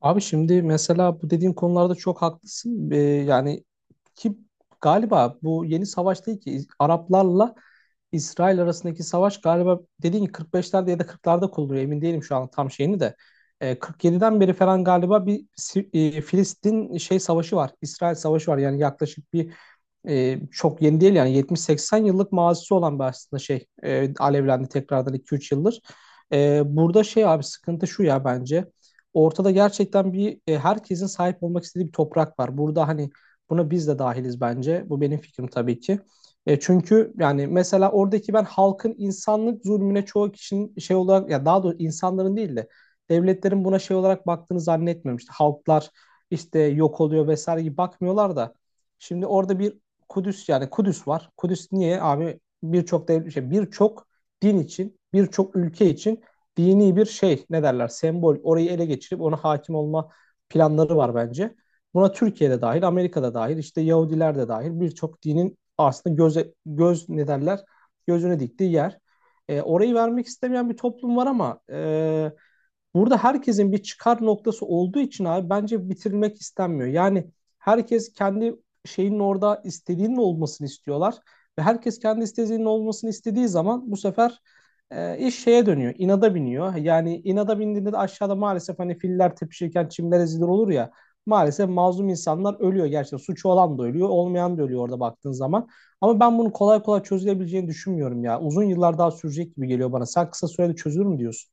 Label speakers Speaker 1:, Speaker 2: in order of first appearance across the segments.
Speaker 1: Abi şimdi mesela bu dediğin konularda çok haklısın. Yani ki galiba bu yeni savaş değil ki Araplarla İsrail arasındaki savaş galiba dediğin gibi 45'lerde ya da 40'larda kuruluyor. Emin değilim şu an tam şeyini de. 47'den beri falan galiba bir Filistin şey savaşı var. İsrail savaşı var. Yani yaklaşık bir çok yeni değil yani 70-80 yıllık mazisi olan bir aslında şey alevlendi tekrardan 2-3 yıldır. Burada şey abi sıkıntı şu ya bence. Ortada gerçekten bir herkesin sahip olmak istediği bir toprak var. Burada hani buna biz de dahiliz bence. Bu benim fikrim tabii ki. Çünkü yani mesela oradaki ben halkın insanlık zulmüne çoğu kişinin şey olarak ya daha doğrusu insanların değil de devletlerin buna şey olarak baktığını zannetmiyorum. İşte halklar işte yok oluyor vesaire gibi bakmıyorlar da. Şimdi orada bir Kudüs yani Kudüs var. Kudüs niye abi birçok şey birçok din için, birçok ülke için dini bir şey ne derler sembol. Orayı ele geçirip ona hakim olma planları var bence. Buna Türkiye'de dahil, Amerika'da dahil, işte Yahudiler de dahil birçok dinin aslında göz ne derler gözüne diktiği yer. Orayı vermek istemeyen bir toplum var ama burada herkesin bir çıkar noktası olduğu için abi bence bitirilmek istenmiyor. Yani herkes kendi şeyinin orada istediğinin olmasını istiyorlar ve herkes kendi istediğinin olmasını istediği zaman bu sefer iş şeye dönüyor, inada biniyor. Yani inada bindiğinde de aşağıda maalesef hani filler tepişirken çimler ezilir olur ya. Maalesef mazlum insanlar ölüyor gerçekten. Suçu olan da ölüyor, olmayan da ölüyor orada baktığın zaman. Ama ben bunu kolay kolay çözülebileceğini düşünmüyorum ya. Uzun yıllar daha sürecek gibi geliyor bana. Sen kısa sürede çözülür mü diyorsun?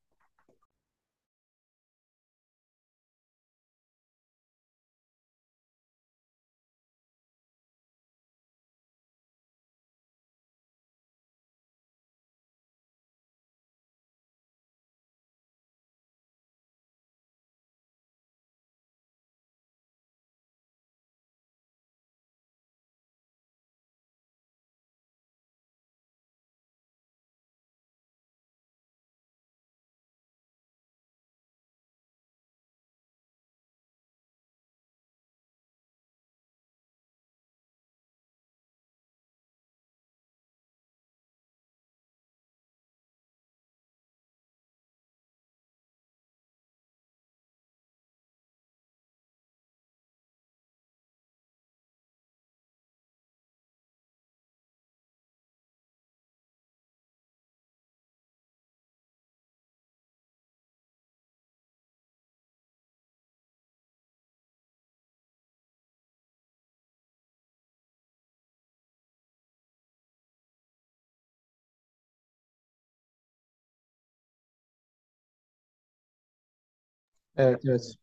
Speaker 1: Evet, evet.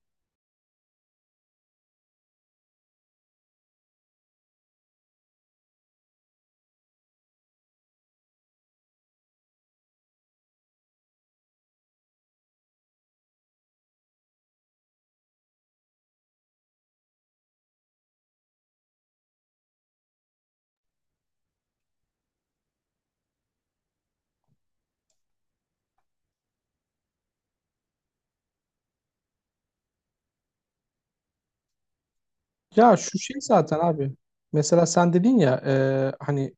Speaker 1: Ya şu şey zaten abi. Mesela sen dedin ya hani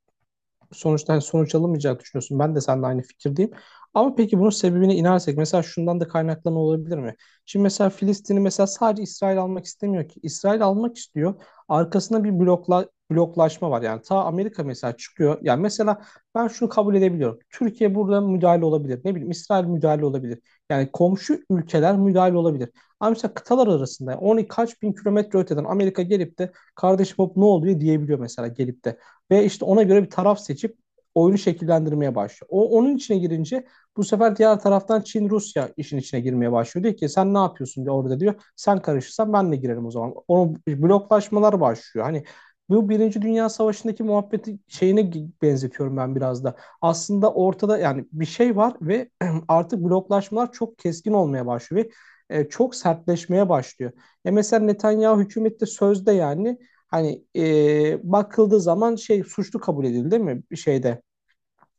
Speaker 1: sonuçtan sonuç alamayacağını düşünüyorsun. Ben de seninle aynı fikirdeyim. Ama peki bunun sebebine inersek mesela şundan da kaynaklanma olabilir mi? Şimdi mesela Filistin'i mesela sadece İsrail almak istemiyor ki. İsrail almak istiyor. Arkasında bir bloklaşma var. Yani ta Amerika mesela çıkıyor. Yani mesela ben şunu kabul edebiliyorum. Türkiye burada müdahale olabilir. Ne bileyim İsrail müdahale olabilir. Yani komşu ülkeler müdahale olabilir. Ama mesela kıtalar arasında 10 kaç bin kilometre öteden Amerika gelip de kardeşim hop ne oluyor diyebiliyor mesela gelip de. Ve işte ona göre bir taraf seçip oyunu şekillendirmeye başlıyor. O onun içine girince bu sefer diğer taraftan Çin Rusya işin içine girmeye başlıyor. Diyor ki sen ne yapıyorsun diyor orada diyor. Sen karışırsan ben de girerim o zaman. O bloklaşmalar başlıyor. Hani bu Birinci Dünya Savaşı'ndaki muhabbeti şeyine benzetiyorum ben biraz da. Aslında ortada yani bir şey var ve artık bloklaşmalar çok keskin olmaya başlıyor ve çok sertleşmeye başlıyor. E mesela Netanyahu hükümette sözde yani hani bakıldığı zaman şey suçlu kabul edildi değil mi? Bir şeyde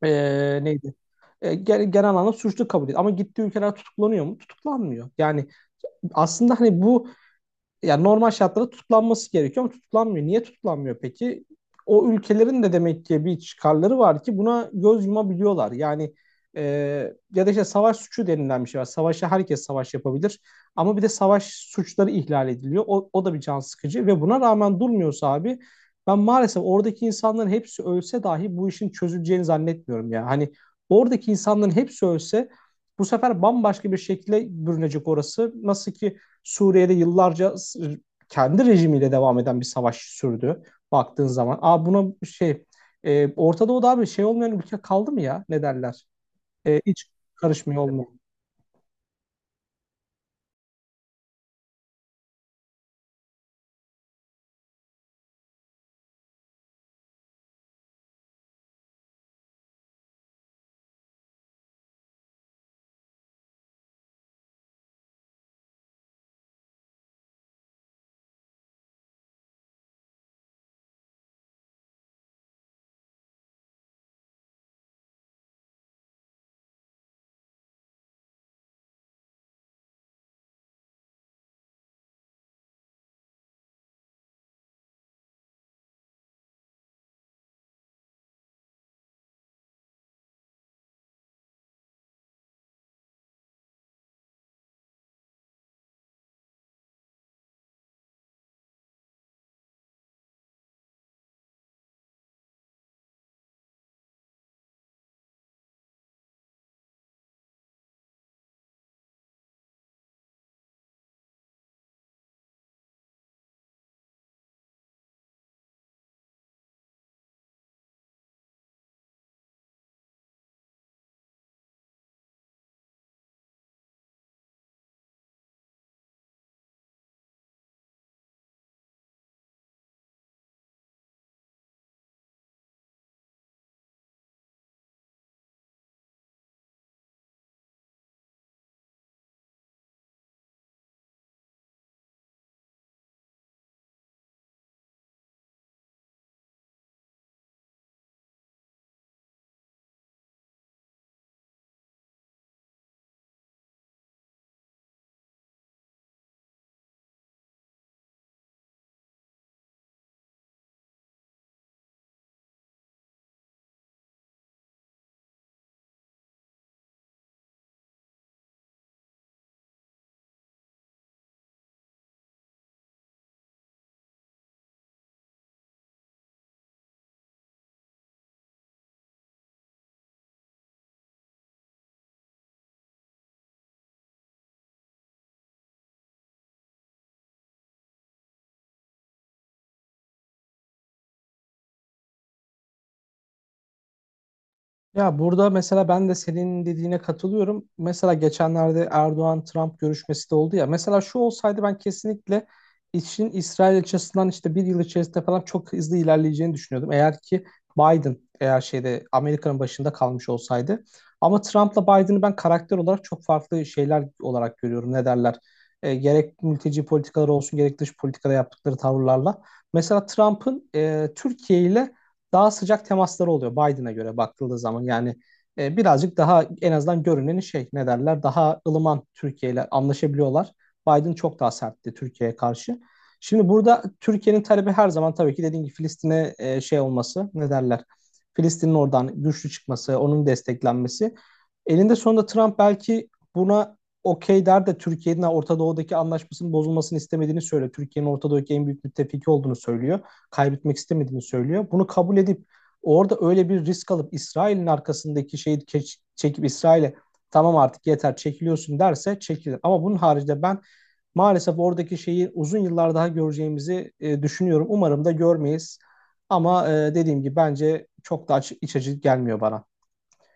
Speaker 1: neydi? Genel anlamda suçlu kabul edildi. Ama gittiği ülkeler tutuklanıyor mu? Tutuklanmıyor. Yani aslında hani bu yani normal şartlarda tutuklanması gerekiyor ama tutuklanmıyor. Niye tutuklanmıyor peki? O ülkelerin de demek ki bir çıkarları var ki buna göz yumabiliyorlar. Yani e, ya da işte savaş suçu denilen bir şey var. Savaşa herkes savaş yapabilir ama bir de savaş suçları ihlal ediliyor. O da bir can sıkıcı ve buna rağmen durmuyorsa abi ben maalesef oradaki insanların hepsi ölse dahi bu işin çözüleceğini zannetmiyorum ya. Hani oradaki insanların hepsi ölse bu sefer bambaşka bir şekilde bürünecek orası. Nasıl ki Suriye'de yıllarca kendi rejimiyle devam eden bir savaş sürdü baktığın zaman. Aa buna şey Orta Doğu'da abi şey olmayan ülke kaldı mı ya? Ne derler? Hiç karışmıyor olmuyor. Ya burada mesela ben de senin dediğine katılıyorum. Mesela geçenlerde Erdoğan-Trump görüşmesi de oldu ya. Mesela şu olsaydı ben kesinlikle işin İsrail açısından işte bir yıl içerisinde falan çok hızlı ilerleyeceğini düşünüyordum. Eğer ki Biden eğer şeyde Amerika'nın başında kalmış olsaydı. Ama Trump'la Biden'ı ben karakter olarak çok farklı şeyler olarak görüyorum. Ne derler? Gerek mülteci politikaları olsun gerek dış politikada yaptıkları tavırlarla. Mesela Trump'ın Türkiye ile daha sıcak temasları oluyor Biden'a göre bakıldığı zaman. Yani birazcık daha en azından görünen şey ne derler daha ılıman Türkiye ile anlaşabiliyorlar. Biden çok daha sertti Türkiye'ye karşı. Şimdi burada Türkiye'nin talebi her zaman tabii ki dediğim gibi Filistin'e şey olması ne derler Filistin'in oradan güçlü çıkması, onun desteklenmesi. Elinde sonunda Trump belki buna okey der de Türkiye'nin Orta Doğu'daki anlaşmasının bozulmasını istemediğini söylüyor. Türkiye'nin Orta Doğu'daki en büyük müttefiki olduğunu söylüyor kaybetmek istemediğini söylüyor. Bunu kabul edip orada öyle bir risk alıp İsrail'in arkasındaki çekip İsrail'e tamam artık yeter çekiliyorsun derse çekilir. Ama bunun haricinde ben maalesef oradaki şeyi uzun yıllar daha göreceğimizi düşünüyorum. Umarım da görmeyiz. Ama dediğim gibi bence çok da iç açıcı gelmiyor bana.